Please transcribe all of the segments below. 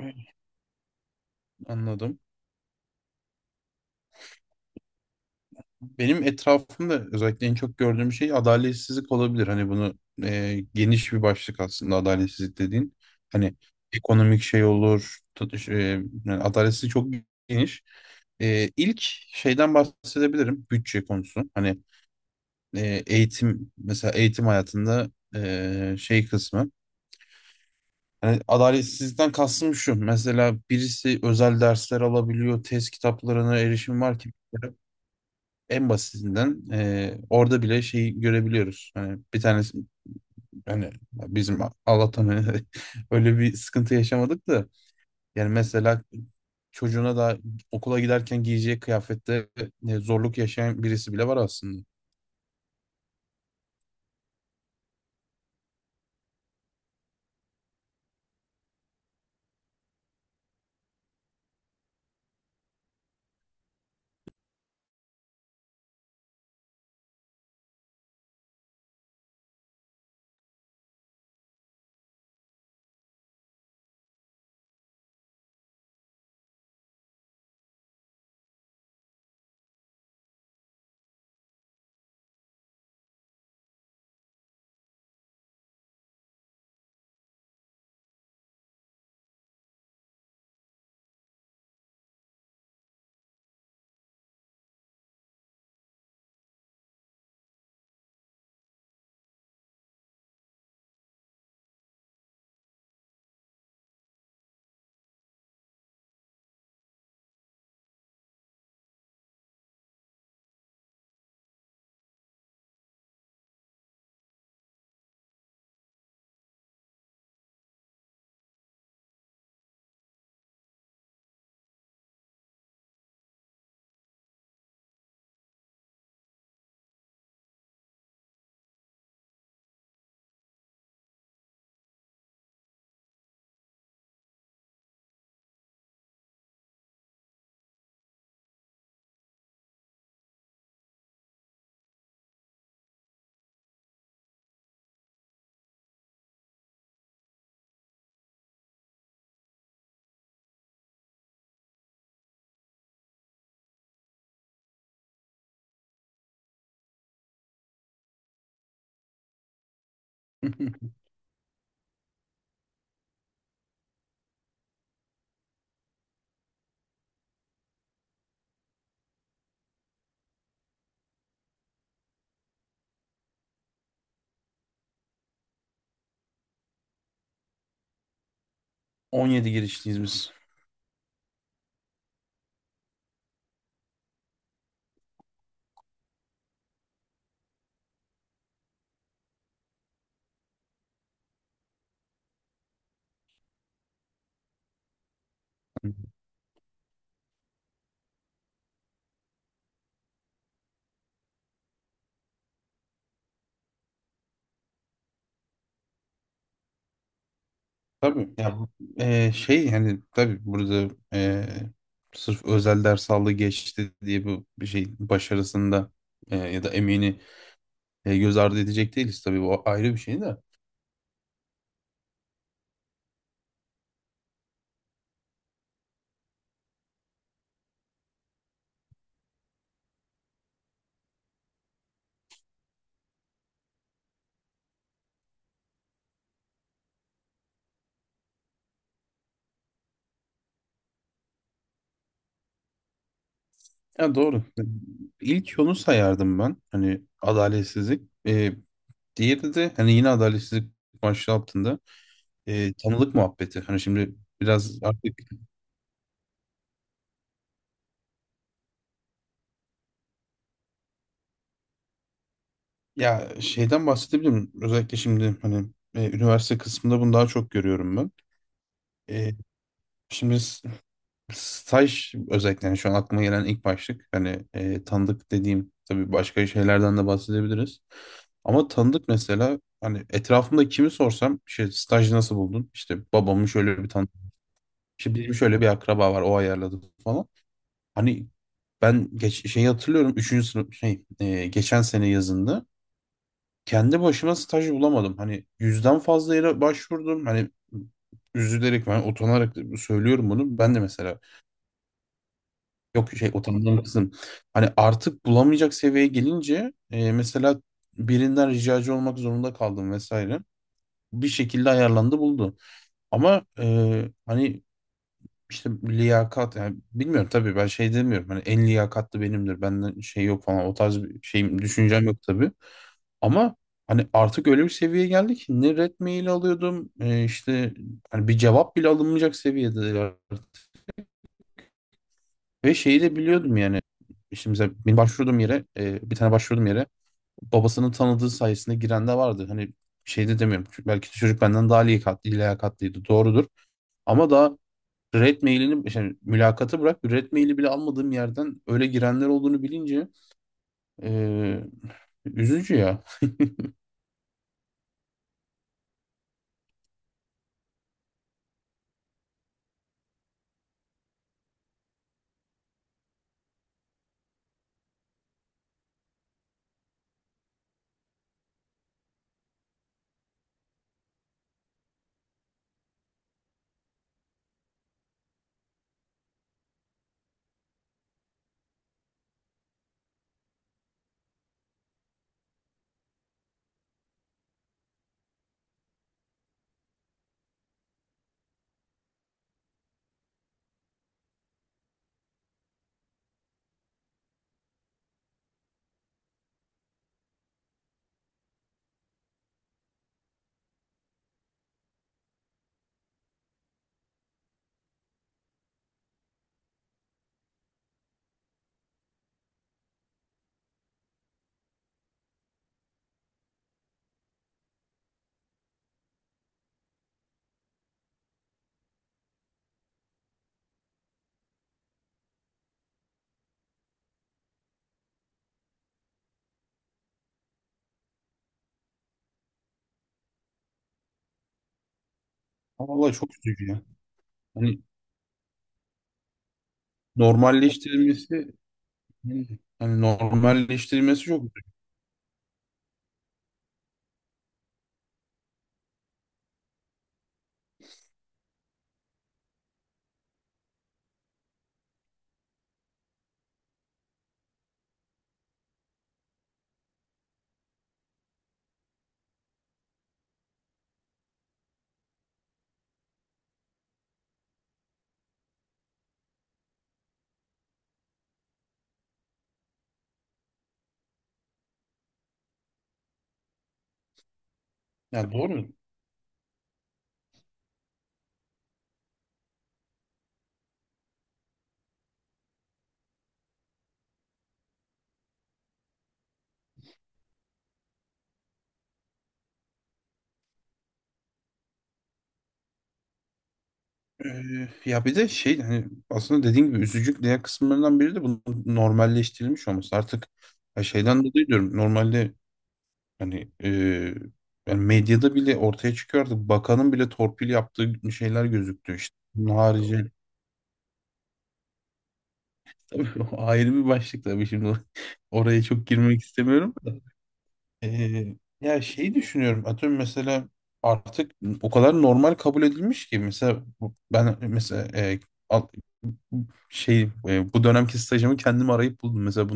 Evet, anladım. Benim etrafımda özellikle en çok gördüğüm şey adaletsizlik olabilir. Hani bunu geniş bir başlık aslında adaletsizlik dediğin. Hani ekonomik şey olur. Yani adaletsizlik çok geniş. İlk şeyden bahsedebilirim. Bütçe konusu. Hani eğitim, mesela eğitim hayatında şey kısmı. Hani adaletsizlikten kastım şu: mesela birisi özel dersler alabiliyor. Test kitaplarına erişim var ki. En basitinden orada bile şeyi görebiliyoruz. Hani bir tanesi hani bizim Allah'tan hani öyle bir sıkıntı yaşamadık da, yani mesela çocuğuna da okula giderken giyeceği kıyafette zorluk yaşayan birisi bile var aslında. 17 girişliyiz biz. Tabii ya, hani tabii burada sırf özel ders aldı geçti diye bu bir şey başarısında ya da emeğini göz ardı edecek değiliz tabii, bu ayrı bir şey de. Ya doğru. İlk yolu sayardım ben. Hani adaletsizlik. Diğeri de hani yine adaletsizlik başlığı altında tanılık muhabbeti. Hani şimdi biraz artık, ya şeyden bahsedebilirim. Özellikle şimdi hani üniversite kısmında bunu daha çok görüyorum ben. Ee, şimdi staj özellikle, yani şu an aklıma gelen ilk başlık. Hani tanıdık dediğim, tabii başka şeylerden de bahsedebiliriz. Ama tanıdık mesela, hani etrafımda kimi sorsam işte staj nasıl buldun? İşte babamın şöyle bir tanıdık. İşte bizim şöyle bir akraba var, o ayarladı falan. Hani ben şeyi hatırlıyorum, üçüncü sınıf şey geçen sene yazında kendi başıma staj bulamadım. Hani yüzden fazla yere başvurdum. Hani üzülerek, ben utanarak söylüyorum bunu. Ben de mesela, yok şey, utandığım kısım. Hani artık bulamayacak seviyeye gelince, mesela birinden ricacı olmak zorunda kaldım vesaire. Bir şekilde ayarlandı, buldu. Ama hani işte liyakat, yani bilmiyorum, tabii ben şey demiyorum. Hani en liyakatlı benimdir, benden şey yok falan, o tarz bir şeyim, düşüncem yok tabii. Ama hani artık öyle bir seviyeye geldik ki ne red mail alıyordum işte, hani bir cevap bile alınmayacak seviyede. Ve şeyi de biliyordum yani. Şimdi mesela benim başvurduğum yere, bir tane başvurduğum yere, babasının tanıdığı sayesinde giren de vardı. Hani şey de demiyorum, çünkü belki de çocuk benden daha liyakatlıydı. Doğrudur. Ama daha red mailini, yani mülakatı bırak, red maili bile almadığım yerden öyle girenler olduğunu bilince e, üzücü ya. Vallahi çok üzücü ya. Hani normalleştirilmesi hani normalleştirilmesi çok üzücü. Ya doğru. Ya bir de şey, hani aslında dediğin gibi üzücü diğer kısımlarından biri de bunun normalleştirilmiş olması. Artık ya şeyden dolayı diyorum, normalde hani, yani medyada bile ortaya çıkıyordu. Bakanın bile torpil yaptığı şeyler gözüktü işte. Bunun harici tabii o ayrı bir başlık, tabii şimdi oraya çok girmek istemiyorum da. Ee, ya şey düşünüyorum, atıyorum mesela artık o kadar normal kabul edilmiş ki, mesela ben mesela şey, bu dönemki stajımı kendim arayıp buldum. Mesela bu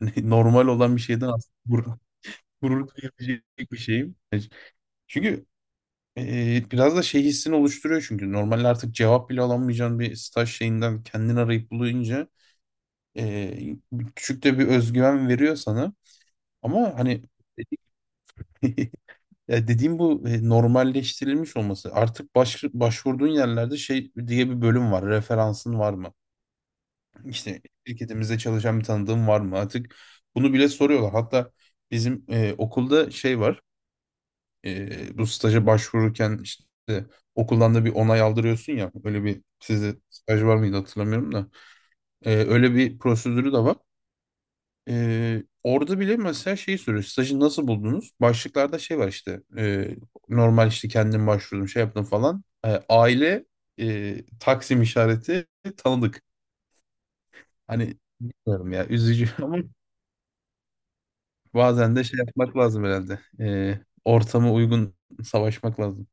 normal olan bir şeyden aslında gurur duyabilecek bir şeyim. Çünkü biraz da şey hissini oluşturuyor, çünkü normalde artık cevap bile alamayacağın bir staj şeyinden kendini arayıp bulunca e, küçük de bir özgüven veriyor sana. Ama hani ya dediğim bu normalleştirilmiş olması. Artık başvurduğun yerlerde şey diye bir bölüm var: referansın var mı? İşte şirketimizde çalışan bir tanıdığım var mı artık? Bunu bile soruyorlar. Hatta bizim okulda şey var. Bu staja başvururken işte okuldan da bir onay aldırıyorsun ya. Öyle bir, sizde staj var mıydı hatırlamıyorum da. Öyle bir prosedürü de var. Orada bile mesela şeyi soruyor: stajı nasıl buldunuz? Başlıklarda şey var işte. Normal, işte kendim başvurdum, şey yaptım falan. Aile, taksim işareti, tanıdık. Hani bilmiyorum, ya üzücü ama bazen de şey yapmak lazım herhalde. Ortama uygun savaşmak lazım.